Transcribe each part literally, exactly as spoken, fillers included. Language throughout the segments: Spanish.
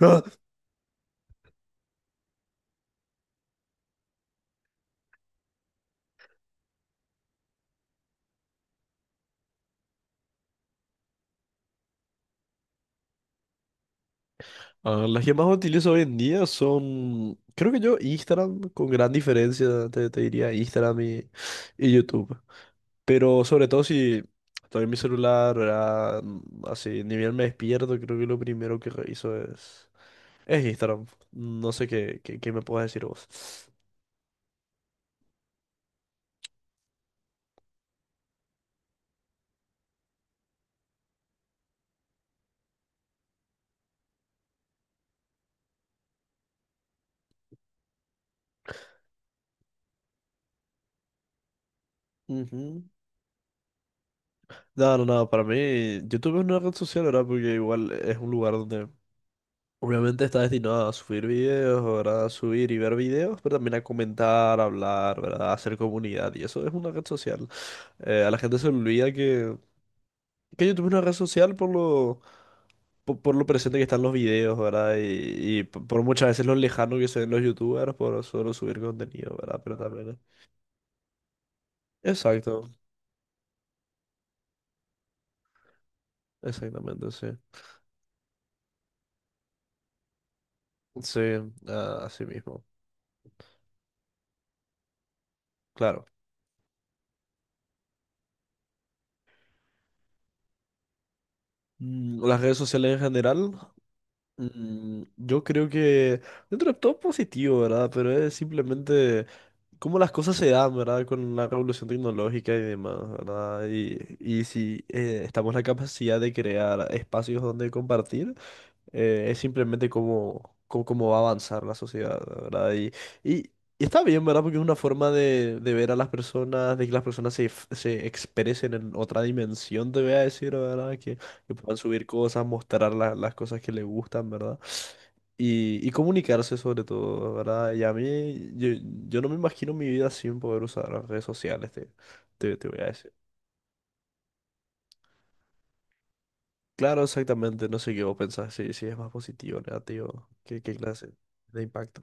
Ah, ah, las que más utilizo hoy en día son, creo que yo, Instagram, con gran diferencia, te, te diría Instagram y, y YouTube. Pero sobre todo si estoy en mi celular, ¿verdad? Mm, Así, ni bien me despierto, creo que lo primero que reviso es, es Instagram. No sé qué, qué, qué me puedes decir vos. Ujú. No, no, no, para mí YouTube es una red social, ¿verdad? Porque igual es un lugar donde obviamente está destinado a subir videos, ¿verdad? A subir y ver videos, pero también a comentar, a hablar, ¿verdad? A hacer comunidad. Y eso es una red social. Eh, a la gente se le olvida que, que YouTube es una red social por lo, po- por, lo presente que están los videos, ¿verdad? Y, y p- por muchas veces lo lejano que se ven los YouTubers por solo subir contenido, ¿verdad? Pero también... Exacto, exactamente, sí. Sí, ah, así mismo. Claro. Mm, Las redes sociales en general. Mm, Yo creo que dentro de todo positivo, ¿verdad? Pero es simplemente cómo las cosas se dan, ¿verdad? Con la revolución tecnológica y demás, ¿verdad? Y, y si eh, estamos en la capacidad de crear espacios donde compartir, eh, es simplemente cómo, cómo, cómo va a avanzar la sociedad, ¿verdad? Y, y, y está bien, ¿verdad? Porque es una forma de, de ver a las personas, de que las personas se, f- se expresen en otra dimensión, te voy a decir, ¿verdad? Que, que puedan subir cosas, mostrar la- las cosas que les gustan, ¿verdad? Y, y comunicarse sobre todo, ¿verdad? Y a mí, yo, yo no me imagino mi vida sin poder usar las redes sociales, te, te, te voy a decir. Claro, exactamente, no sé qué vos pensás, si, si es más positivo o negativo, qué, qué clase de impacto.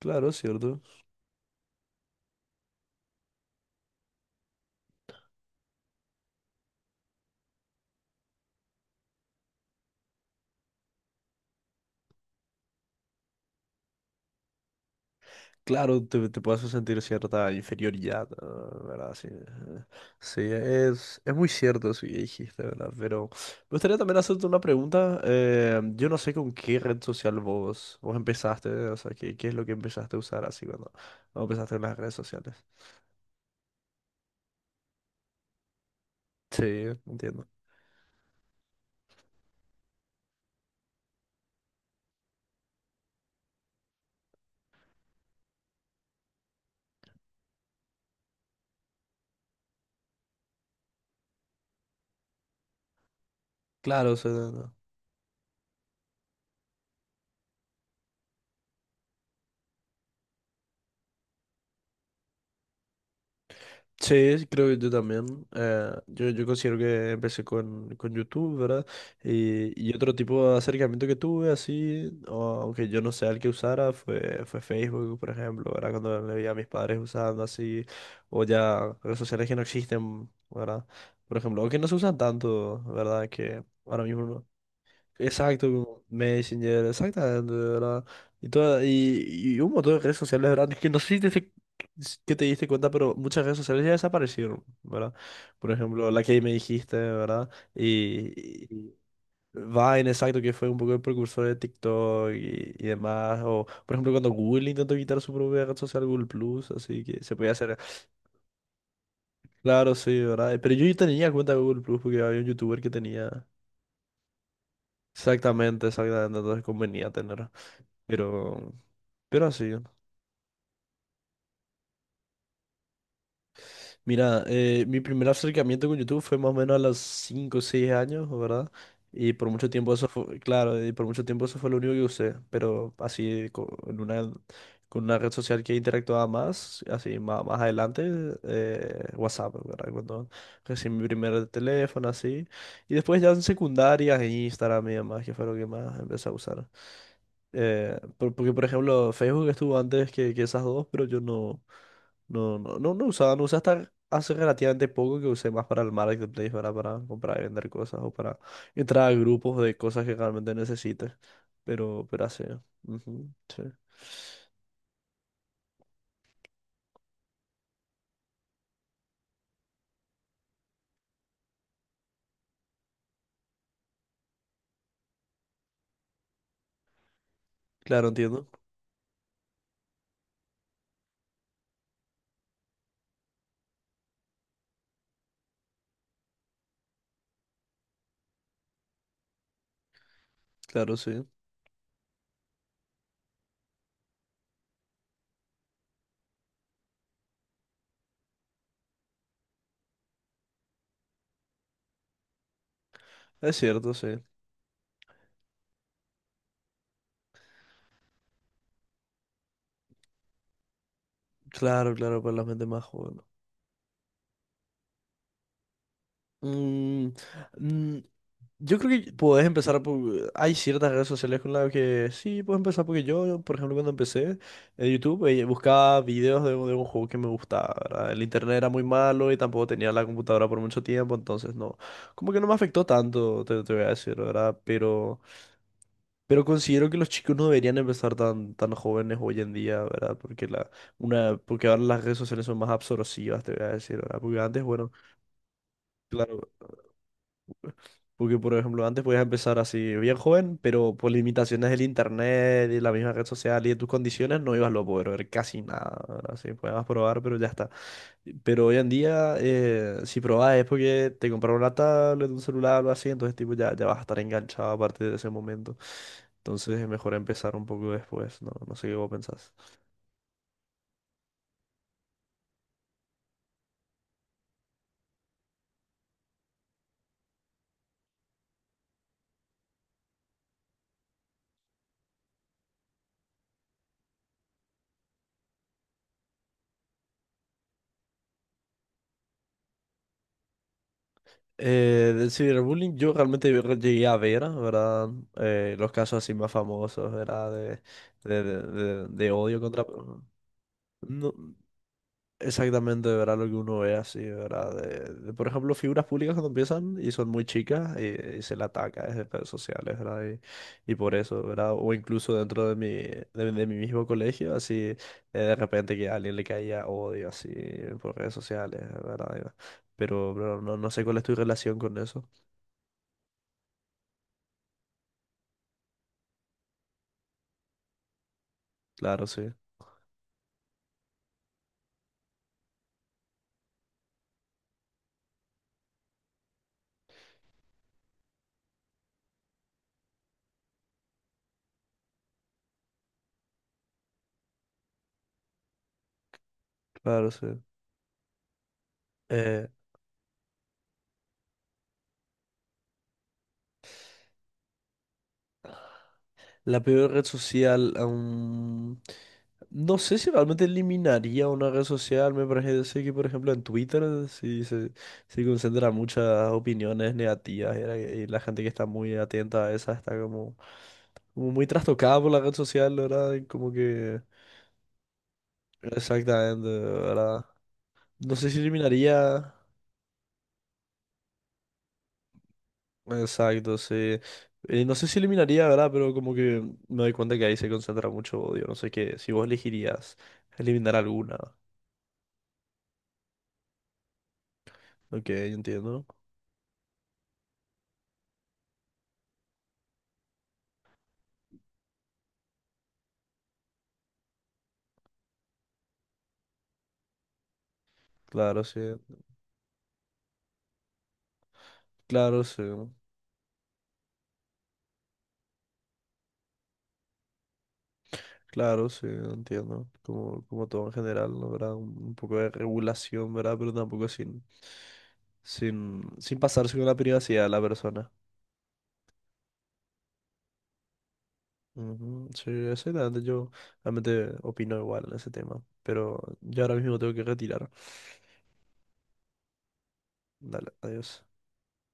Claro, cierto. Claro, te, te puedes sentir cierta inferioridad, ah, ¿verdad? Sí, ajá. Sí, es, es muy cierto eso que dijiste, ¿verdad? Pero me gustaría también hacerte una pregunta. Eh, yo no sé con qué red social vos, vos empezaste, o sea, qué, qué es lo que empezaste a usar así cuando, cuando empezaste en las redes sociales. Sí, entiendo. Claro, o sea, no. Sí, creo que yo también. Eh, yo, yo considero que empecé con, con YouTube, ¿verdad? Y, y otro tipo de acercamiento que tuve, así, o- aunque yo no sea el que usara, fue, fue Facebook, por ejemplo, ¿verdad? Cuando le vi a mis padres usando así, o ya redes sociales que no existen, ¿verdad? Por ejemplo, o que no se usan tanto, ¿verdad? Que ahora mismo. No. Exacto, como Messenger, exactamente, de ¿verdad? Y, toda, y, y un montón de redes sociales, ¿verdad? Es que no sé si te, diste- si, que te diste cuenta, pero muchas redes sociales ya desaparecieron, ¿verdad? Por ejemplo, la que me dijiste, ¿verdad? Y, y Vine, exacto, que fue un poco el precursor de TikTok y, y demás. O, por ejemplo, cuando Google intentó quitar su propia red social, Google Plus, así que se podía hacer. Claro, sí, ¿verdad? Pero yo tenía cuenta de Google Plus porque había un youtuber que tenía. Exactamente, exactamente, entonces convenía tener. Pero, pero así. ¿No? Mira, eh, mi primer acercamiento con YouTube fue más o menos a los cinco o seis años, ¿verdad? Y por mucho tiempo eso fue, claro, y por mucho tiempo eso fue lo único que usé, pero así con una, con una red social que interactuaba más, así más, más adelante, eh, WhatsApp, ¿verdad? Cuando recibí mi primer teléfono, así. Y después ya en secundaria, Instagram y demás, que fue lo que más empecé a usar. Eh, por- porque, por ejemplo, Facebook estuvo antes que, que esas dos, pero yo no... No, no, no, no usaba, no usaba hasta hace relativamente poco que usé más para el marketplace, ¿verdad? Para comprar y vender cosas o para entrar a grupos de cosas que realmente necesites. Pero, pero así. Ujú, sí. Claro, entiendo. Claro, sí. Es cierto, sí. Claro, claro, para la gente más joven. Mm, mm, Yo creo que puedes empezar por... Hay ciertas redes sociales con las que sí, puedes empezar porque yo, yo, por ejemplo, cuando empecé en YouTube, eh, buscaba videos de, un de un juego que me gustaba, ¿verdad? El internet era muy malo y tampoco tenía la computadora por mucho tiempo, entonces no, como que no me afectó tanto, te, te voy a decir, ¿verdad? Pero, pero considero que los chicos no deberían empezar tan, tan jóvenes hoy en día, ¿verdad? Porque, la, una, porque ahora las redes sociales son más absorbivas, te voy a decir, ¿verdad? Porque antes, bueno... Claro, porque, por ejemplo, antes podías empezar así bien joven, pero por limitaciones del internet y la misma red social y de tus condiciones no ibas a poder ver casi nada. ¿Verdad? Así podías probar, pero ya está. Pero hoy en día, eh, si probás es porque te compraron una tablet, un celular, o algo así, entonces tipo ya, ya vas a estar enganchado a partir de ese momento. Entonces es mejor empezar un poco después, ¿no? No sé qué vos pensás. Eh, del ciberbullying yo realmente re- llegué a ver, ¿verdad? Eh, los casos así más famosos, ¿verdad? De, de, de, de- de odio contra... No, exactamente, ¿verdad? Lo que uno ve así, ¿verdad? De, de, por ejemplo, figuras públicas cuando empiezan y son muy chicas y, y se le ataca desde redes sociales, ¿verdad? Y, y por eso, ¿verdad? O incluso dentro de mi, de, de mi mismo colegio, así, eh, de repente que a alguien le caía odio así por redes sociales, ¿verdad? Pero, pero no, no sé cuál es tu relación con eso. Claro, sí, claro, sí. Eh, la peor red social, aún... No sé si realmente eliminaría una red social. Me parece que, por ejemplo, en Twitter sí se, se concentra muchas opiniones negativas y la, y la gente que está muy atenta a esa está como, como muy trastocada por la red social, ¿verdad? Y como que... Exactamente, ¿verdad? No sé si eliminaría. Exacto, sí. Eh, no sé si eliminaría, ¿verdad? Pero como que me doy cuenta que ahí se concentra mucho odio. No sé qué. Si vos elegirías eliminar alguna. Ok, entiendo. Claro, sí. Claro, sí. Claro, sí, entiendo. Como, como todo en general, ¿no? ¿Verdad? Un, un poco de regulación, ¿verdad? Pero tampoco sin, sin, sin pasarse con la privacidad de la persona. Ujú, sí, exactamente. Yo realmente opino igual en ese tema. Pero yo ahora mismo tengo que retirar. Dale, adiós.